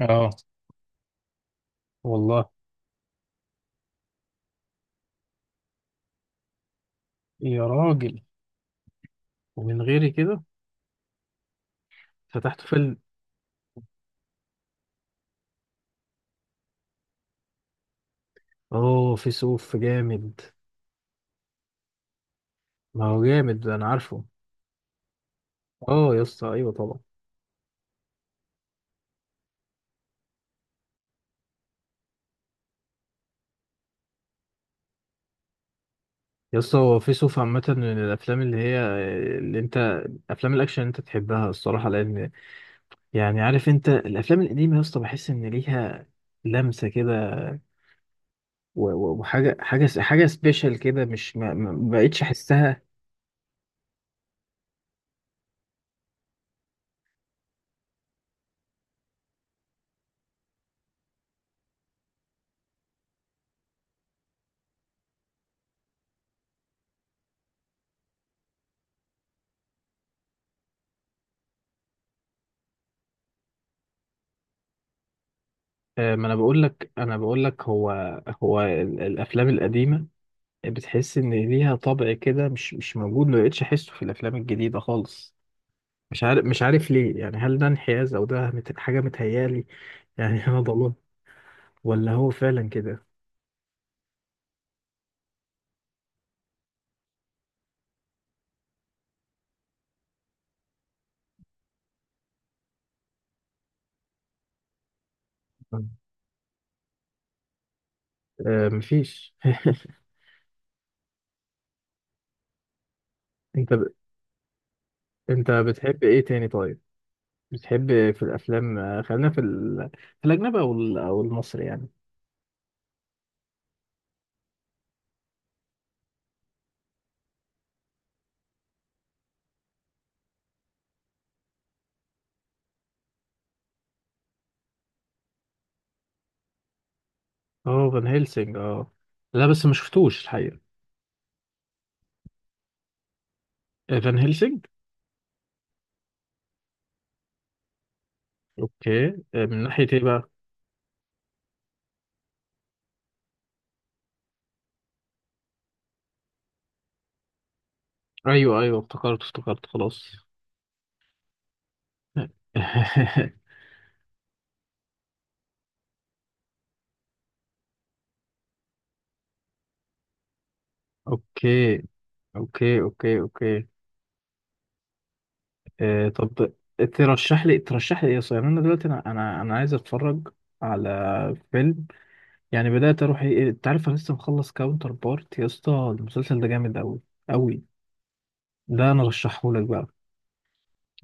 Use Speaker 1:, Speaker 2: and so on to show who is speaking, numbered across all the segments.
Speaker 1: اه، والله يا راجل. ومن غيري كده فتحت فيلم؟ اوه، في سوف جامد. ما هو جامد ده، انا عارفه. اه يا اسطى، ايوه طبعا. يا اسطى هو في سوف عامة من الافلام اللي هي، اللي انت افلام الاكشن اللي انت تحبها الصراحة، لان يعني عارف انت الافلام القديمة يا اسطى بحس ان ليها لمسة كده، و- و- وحاجة حاجة حاجة سبيشال كده، مش ما بقتش احسها. ما انا بقول لك انا بقول لك هو الافلام القديمة بتحس ان ليها طبع كده مش موجود، ما بقتش احسه في الافلام الجديده خالص. مش عارف ليه يعني، هل ده انحياز او ده حاجه متهيالي يعني انا ضلمت ولا هو فعلا كده؟ آه مفيش انت ب... انت بتحب ايه تاني طيب؟ بتحب في الافلام، خلينا في في الاجنبي او او المصري يعني. اه، فان هيلسينج، اه لا بس ما شفتوش الحقيقه. آه، فان هيلسينج. اوكي. آه، من ناحيه ايه بقى؟ ايوه ايوه، افتكرت، خلاص اوكي اوكي اوكي. آه طب، ترشح لي ايه صحيح؟ انا دلوقتي انا عايز اتفرج على فيلم يعني. بدات اروح، ايه انت عارف، انا لسه مخلص كاونتر بارت يا اسطى. المسلسل ده جامد قوي قوي، ده انا رشحه لك بقى.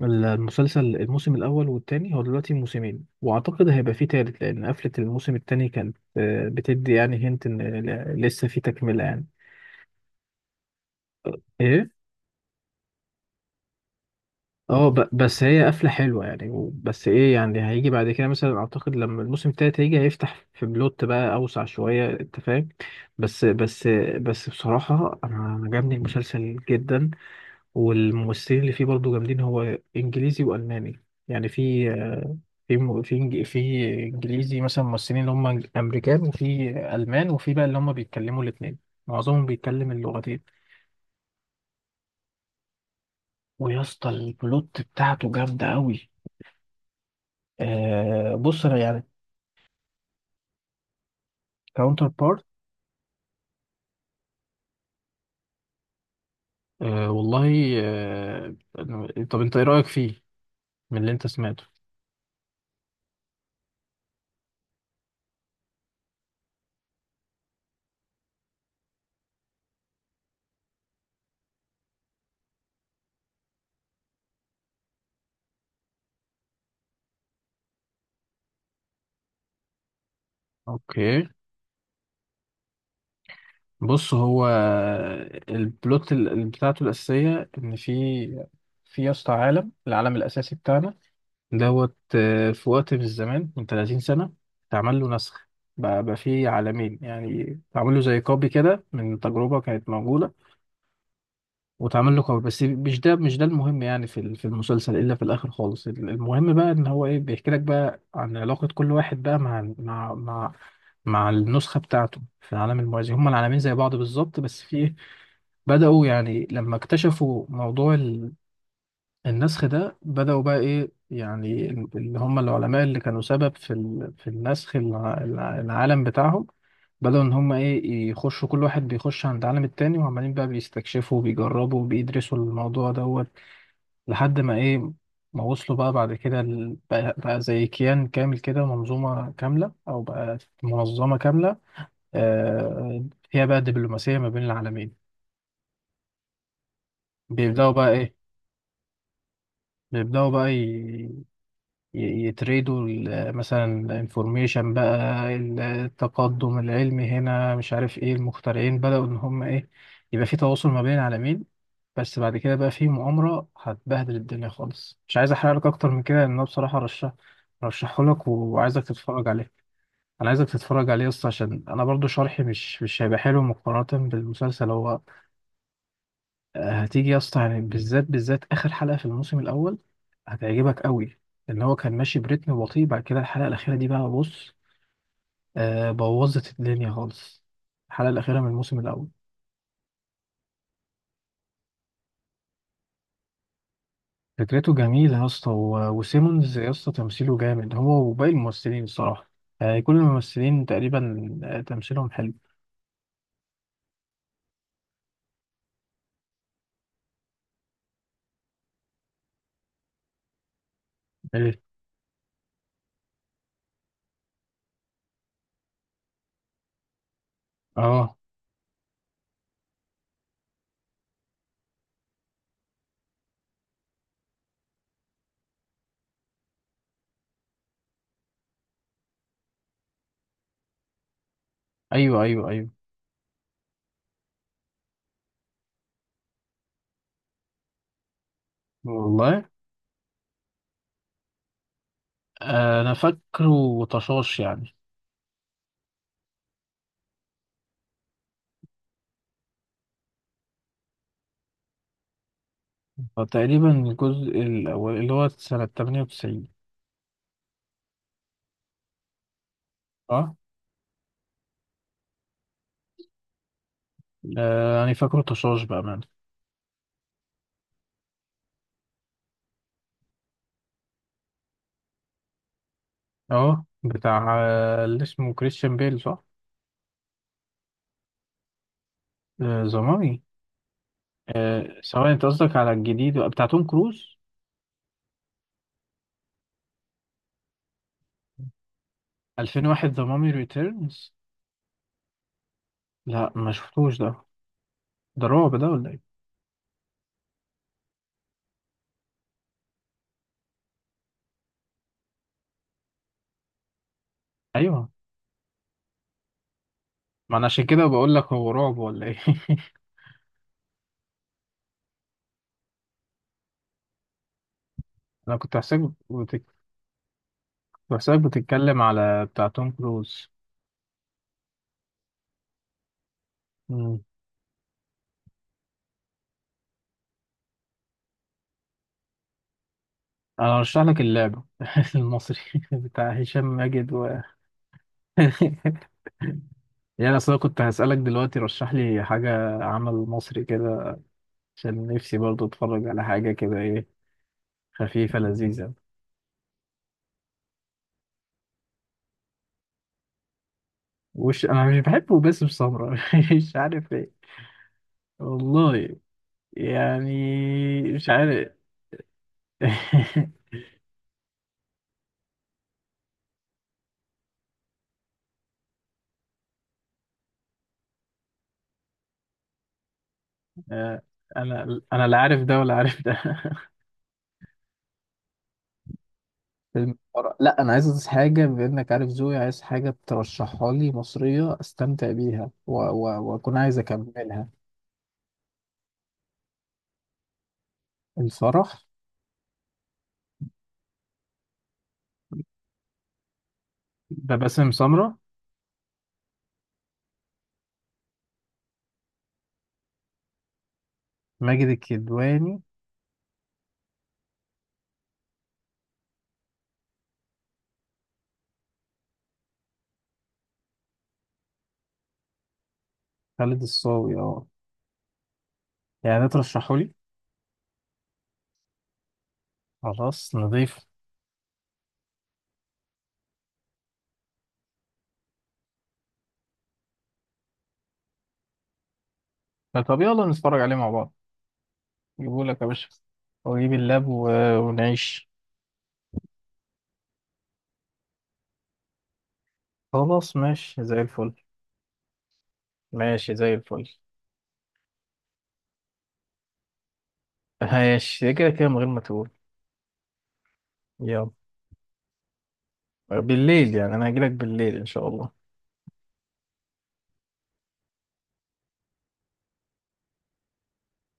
Speaker 1: المسلسل الموسم الاول والتاني، هو دلوقتي موسمين واعتقد هيبقى فيه تالت، لان قفله الموسم التاني كانت آه، بتدي يعني، هنت ان لسه في تكمله يعني. ايه، اه بس هي قفلة حلوة يعني، بس ايه يعني، هيجي بعد كده مثلا. اعتقد لما الموسم التالت هيجي، هيفتح في بلوت بقى اوسع شوية، انت فاهم. بس بس بس بصراحة انا عجبني المسلسل جدا، والممثلين اللي فيه برضه جامدين. هو انجليزي والماني يعني. في في انجليزي مثلا ممثلين اللي هم امريكان، وفي المان، وفي بقى اللي هم بيتكلموا الاتنين، معظمهم بيتكلم اللغتين. ويا اسطى البلوت بتاعته جامدة قوي. آه بص انا يعني، كاونتر بارت. أه والله. أه طب انت ايه رأيك فيه من اللي انت سمعته؟ اوكي. بص، هو البلوت بتاعته الأساسية ان في في يا اسطى عالم، العالم الأساسي بتاعنا دوت، آه، في وقت من الزمان من 30 سنة اتعمل له نسخ. بقى فيه عالمين يعني، اتعمل له زي كوبي كده من تجربة كانت موجودة، وتعمل له كور. بس مش ده مش ده المهم يعني، في في المسلسل الا في الاخر خالص. المهم بقى ان هو ايه، بيحكي لك بقى عن علاقة كل واحد بقى مع مع النسخة بتاعته في العالم الموازي. هما العالمين زي بعض بالظبط، بس في ايه، بدأوا يعني لما اكتشفوا موضوع النسخ ده، بدأوا بقى إيه يعني، اللي هم العلماء اللي كانوا سبب في في النسخ العالم بتاعهم، بدأوا إن هم إيه، يخشوا. كل واحد بيخش عند عالم التاني، وعمالين بقى بيستكشفوا وبيجربوا وبيدرسوا الموضوع دوت، لحد ما إيه، ما وصلوا بقى بعد كده بقى زي كيان كامل كده، منظومة كاملة، أو بقى منظمة كاملة آه، فيها بقى دبلوماسية ما بين العالمين. بيبدأوا بقى إيه، بيبدأوا بقى يتريدوا مثلا الانفورميشن بقى، التقدم العلمي هنا، مش عارف ايه، المخترعين. بدأوا ان هم ايه، يبقى في تواصل ما بين العالمين. بس بعد كده بقى في مؤامرة هتبهدل الدنيا خالص. مش عايز احرق لك اكتر من كده، لان انا بصراحة رشحه لك وعايزك تتفرج عليه. انا عايزك تتفرج عليه اصلا عشان انا برضو شرحي مش هيبقى حلو مقارنة بالمسلسل هو. هتيجي يا اسطى يعني، بالذات اخر حلقه في الموسم الاول هتعجبك قوي. ان هو كان ماشي بريتم بطيء، بعد كده الحلقه الاخيره دي بقى، بص، آه بوظت الدنيا خالص، الحلقه الاخيره من الموسم الاول. فكرته جميله يا اسطى، وسيمونز يا اسطى تمثيله جامد، هو وباقي الممثلين الصراحه. آه كل الممثلين تقريبا آه، تمثيلهم حلو. ايه. اه. ايوه ايوه. والله. آه، انا فاكره طشاش يعني. فتقريبا الجزء الاول اللي هو سنه 98. اه. آه يعني فاكره طشاش بأمانة. اه بتاع آه، اللي اسمه كريستيان بيل، صح؟ آه زمامي. آه سواء، انت قصدك على الجديد بتاع توم كروز؟ 2001 ذا مامي ريتيرنز. لا ما شفتوش ده. ده رعب ده ولا ايه؟ ايوه، ما انا عشان كده بقول لك، هو رعب ولا ايه؟ انا كنت حاسسك، بتك... كنت حاسسك بتتكلم على بتاع توم كروز. مم. انا ارشح لك اللعبه المصري بتاع هشام ماجد و يعني. اصل انا كنت هسألك دلوقتي رشح لي حاجة عمل مصري كده، عشان نفسي برضه اتفرج على حاجة كده، ايه، خفيفة لذيذة. وش، انا مش بحبه باسم سمرة مش عارف ايه. والله، يعني، مش عارف آه، انا لا عارف ده ولا عارف ده فيلم الفرح، لا انا عايز حاجة، بانك عارف ذوقي، عايز حاجة ترشحها لي مصرية، استمتع بيها و- و- واكون عايز اكملها. الفرح؟ ده باسم سمرة؟ ماجد الكدواني، خالد الصاوي، اه. يعني ده ترشحه لي. خلاص نضيف. طب يلا نتفرج عليه مع بعض. جيبه لك يا باشا. واجيب اللاب و، ونعيش. خلاص، ماشي زي الفل، ماشي زي الفل. ماشي كده كده من غير ما تقول. يلا. بالليل يعني، انا هجيلك بالليل ان شاء الله.